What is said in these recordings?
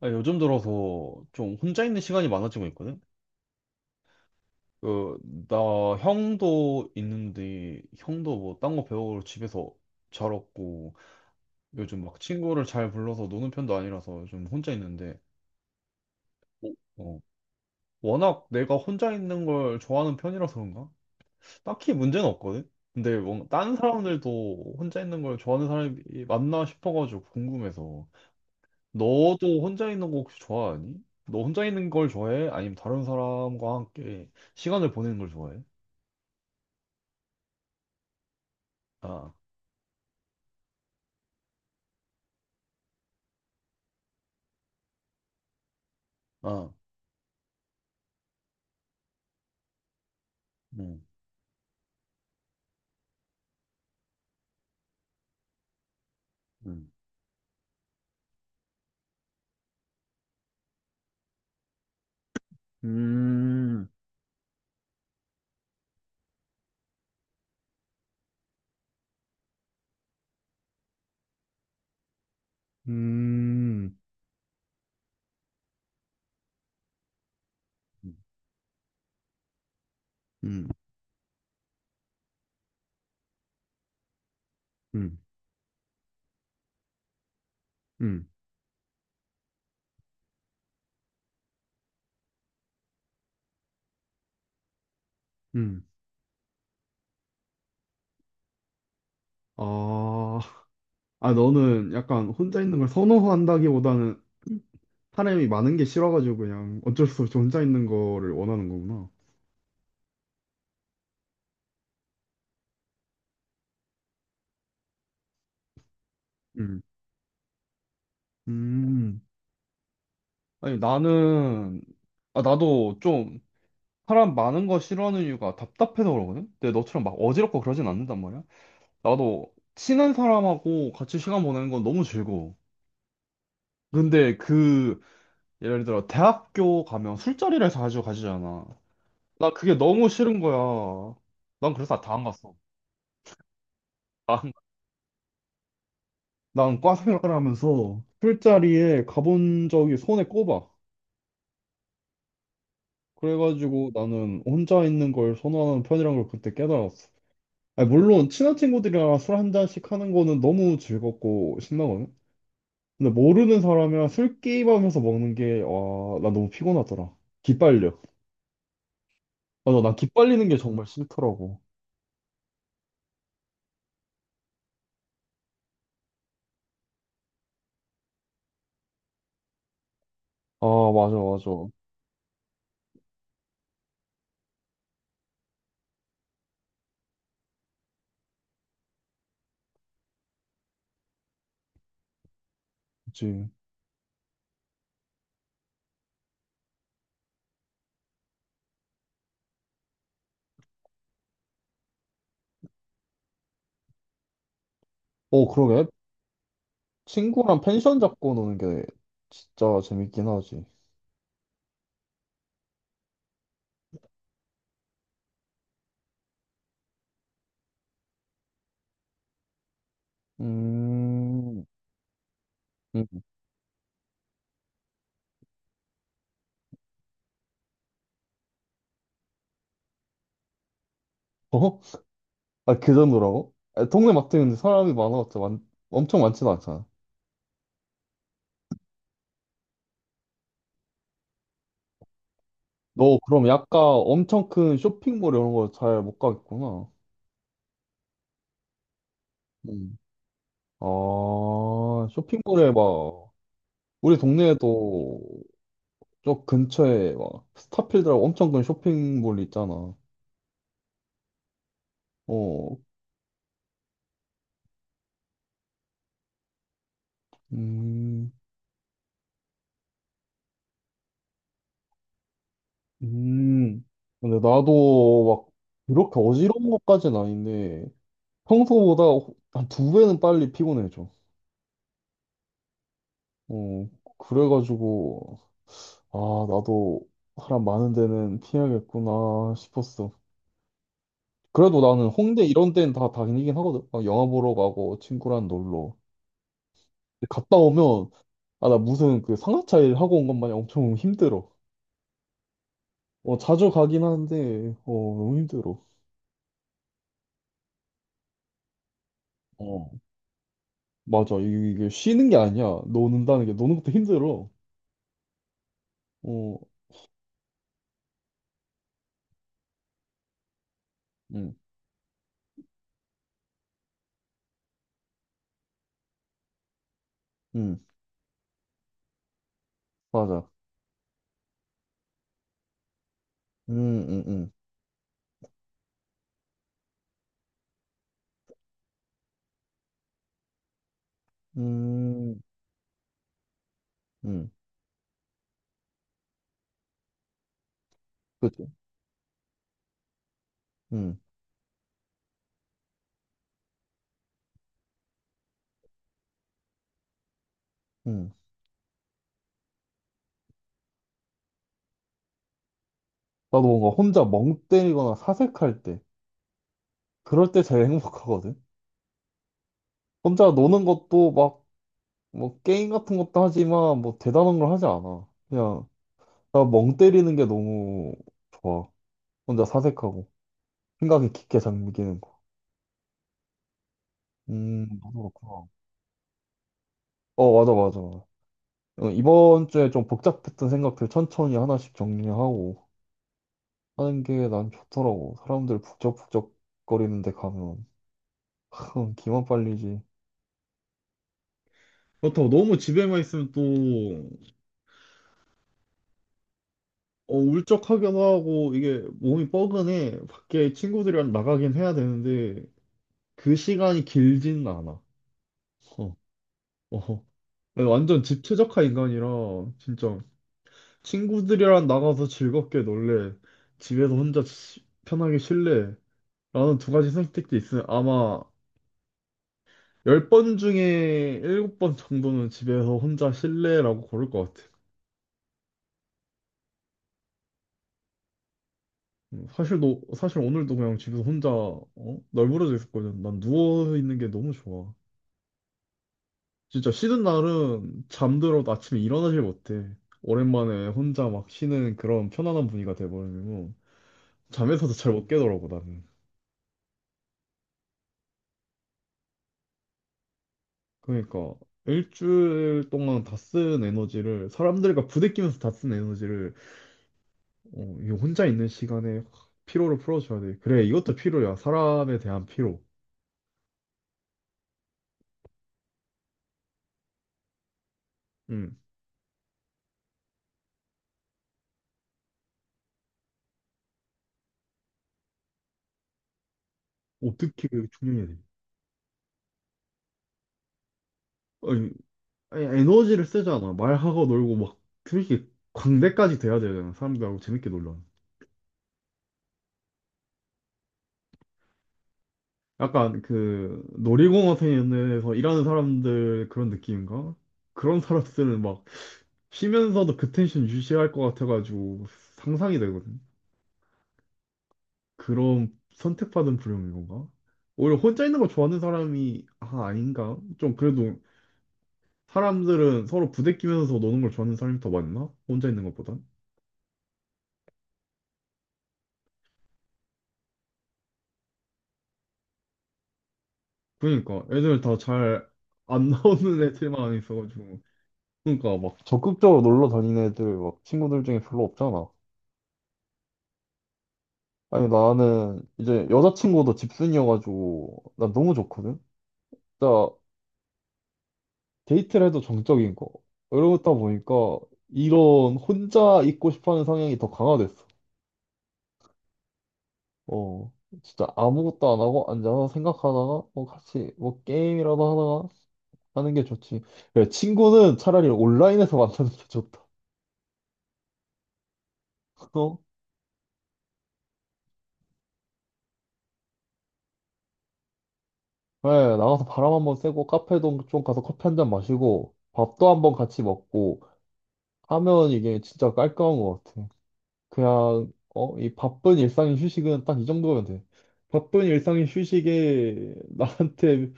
아, 요즘 들어서 좀 혼자 있는 시간이 많아지고 있거든? 그, 나 형도 있는데, 형도 뭐 딴 거 배우러 집에서 잘 없고, 요즘 막 친구를 잘 불러서 노는 편도 아니라서 요즘 혼자 있는데, 어, 워낙 내가 혼자 있는 걸 좋아하는 편이라서 그런가? 딱히 문제는 없거든? 근데 뭔가 다른 사람들도 혼자 있는 걸 좋아하는 사람이 맞나 싶어가지고 궁금해서. 너도 혼자 있는 거 혹시 좋아하니? 너 혼자 있는 걸 좋아해? 아니면 다른 사람과 함께 시간을 보내는 걸 좋아해? 아, 아, 음, 음, 음, 음, 음. 음, 음, 음, 음. 아, 아, 너는 약간 혼자 있는 걸 선호한다기보다는 사람이 많은 게 싫어가지고 그냥 어쩔 수 없이 혼자 있는 거를 원하는 거구나. 음, 음, 아니, 나는, 아, 나도 좀 사람 많은 거 싫어하는 이유가 답답해서 그러거든? 근데 너처럼 막 어지럽고 그러진 않는단 말이야. 나도 친한 사람하고 같이 시간 보내는 건 너무 즐거워. 근데 예를 들어, 대학교 가면 술자리를 자주 가지잖아. 나 그게 너무 싫은 거야. 난 그래서 다 안 갔어. 난, 난과 생활을 하면서 술자리에 가본 적이 손에 꼽아. 그래가지고 나는 혼자 있는 걸 선호하는 편이란 걸 그때 깨달았어. 아니, 물론 친한 친구들이랑 술 한 잔씩 하는 거는 너무 즐겁고 신나거든. 근데 모르는 사람이랑 술 게임하면서 먹는 게, 와, 나 너무 피곤하더라. 기빨려. 맞아, 난 기빨리는 게 정말 싫더라고. 아, 맞아, 맞아. 그치. 어, 그러게. 친구랑 펜션 잡고 노는 게 진짜 재밌긴 하지. 음, 음. 어? 아, 그 정도라고? 아, 동네 마트 는데 사람이 많아봤자 엄청 많진 않잖아. 너 그럼 약간 엄청 큰 쇼핑몰 이런 거 잘 못 가겠구나. 음. 아, 쇼핑몰에 막, 우리 동네에도 저 근처에 막 스타필드라고 엄청 큰 쇼핑몰 있잖아. 어, 음, 음. 근데 나도 막 그렇게 어지러운 것까지는 아닌데 평소보다 한 두 배는 빨리 피곤해져. 어, 그래가지고 아 나도 사람 많은 데는 피해야겠구나 싶었어. 그래도 나는 홍대 이런 데는 다 다니긴 하거든. 막 영화 보러 가고 친구랑 놀러. 근데 갔다 오면 아 나 무슨 그 상하차 일 하고 온 것 마냥 엄청 힘들어. 어, 자주 가긴 하는데, 어, 너무 힘들어. 어, 맞아. 이게 쉬는 게 아니야. 노는다는 게, 노는 것도 힘들어. 어, 응, 응, 맞아. 응, 응, 응. 응 응, 그치. 응, 응. 나도 뭔가 혼자 멍 때리거나 사색할 때, 그럴 때 제일 행복하거든. 혼자 노는 것도 막, 뭐, 게임 같은 것도 하지만, 뭐, 대단한 걸 하지 않아. 그냥, 나 멍 때리는 게 너무 좋아. 혼자 사색하고, 생각이 깊게 잠기는 거. 너도 그렇구나. 어, 맞아, 맞아. 어, 이번 주에 좀 복잡했던 생각들 천천히 하나씩 정리하고 하는 게 난 좋더라고. 사람들 북적북적 거리는데 가면 참 기만 빨리지. 그렇다고 너무 집에만 있으면 또 어, 울적하기도 하고 이게 몸이 뻐근해 밖에 친구들이랑 나가긴 해야 되는데 그 시간이 길지는 않아. 어, 어. 내가 완전 집 최적화 인간이라 진짜 친구들이랑 나가서 즐겁게 놀래 집에서 혼자 편하게 쉴래 나는 두 가지 선택지 있으면 아마 10번 중에 일곱 번 정도는 집에서 혼자 실내라고 고를 것 같아. 사실 너, 사실 오늘도 그냥 집에서 혼자 어? 널브러져 있었거든. 난 누워 있는 게 너무 좋아. 진짜 쉬는 날은 잠들어도 아침에 일어나질 못해. 오랜만에 혼자 막 쉬는 그런 편안한 분위기가 돼버리고 잠에서도 잘 못 깨더라고 나는. 그러니까 일주일 동안 다 쓴 에너지를 사람들과 부대끼면서 다 쓴 에너지를 어, 이 혼자 있는 시간에 확 피로를 풀어줘야 돼. 그래, 이것도 피로야. 사람에 대한 피로. 음. 어떻게 충족해야 돼? 아니, 아니, 에너지를 쓰잖아. 말하고 놀고 막솔히 광대까지 돼야 되잖아. 사람들하고 재밌게 놀러. 약간 그 놀이공원에서 일하는 사람들 그런 느낌인가? 그런 사람들은 막 쉬면서도 그 텐션 유지할 것 같아가지고 상상이 되거든. 그런 선택받은 불행인 건가? 오히려 혼자 있는 걸 좋아하는 사람이 아 아닌가? 좀 그래도 사람들은 서로 부대끼면서 노는 걸 좋아하는 사람이 더 많나? 혼자 있는 것보단? 그러니까 애들 다 잘 안 나오는 애들만 있어가지고 그러니까 막 적극적으로 놀러 다니는 애들 막 친구들 중에 별로 없잖아. 아니 나는 이제 여자친구도 집순이여가지고 나 너무 좋거든. 진짜 데이트를 해도 정적인 거. 이러다 보니까 이런 혼자 있고 싶어하는 성향이 더 강화됐어. 어, 진짜 아무것도 안 하고 앉아서 생각하다가 뭐 같이 뭐 게임이라도 하다가 하는 게 좋지. 야, 친구는 차라리 온라인에서 만나는 게 좋다. 어? 네, 나가서 바람 한번 쐬고 카페도 좀 가서 커피 한 잔 마시고 밥도 한번 같이 먹고 하면 이게 진짜 깔끔한 것 같아. 그냥 어, 이 바쁜 일상의 휴식은 딱 이 정도면 돼. 바쁜 일상의 휴식에 나한테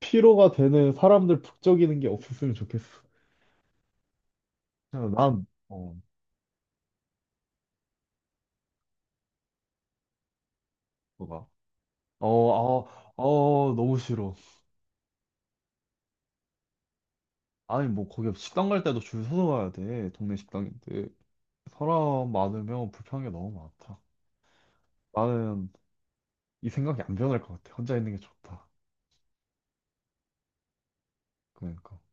피로가 되는 사람들 북적이는 게 없었으면 좋겠어. 그냥 난 어, 뭐가. 어, 아, 어, 너무 싫어. 아니, 뭐, 거기 식당 갈 때도 줄 서서 가야 돼. 동네 식당인데. 사람 많으면 불편한 게 너무 많다. 나는 이 생각이 안 변할 것 같아. 혼자 있는 게 좋다. 그러니까.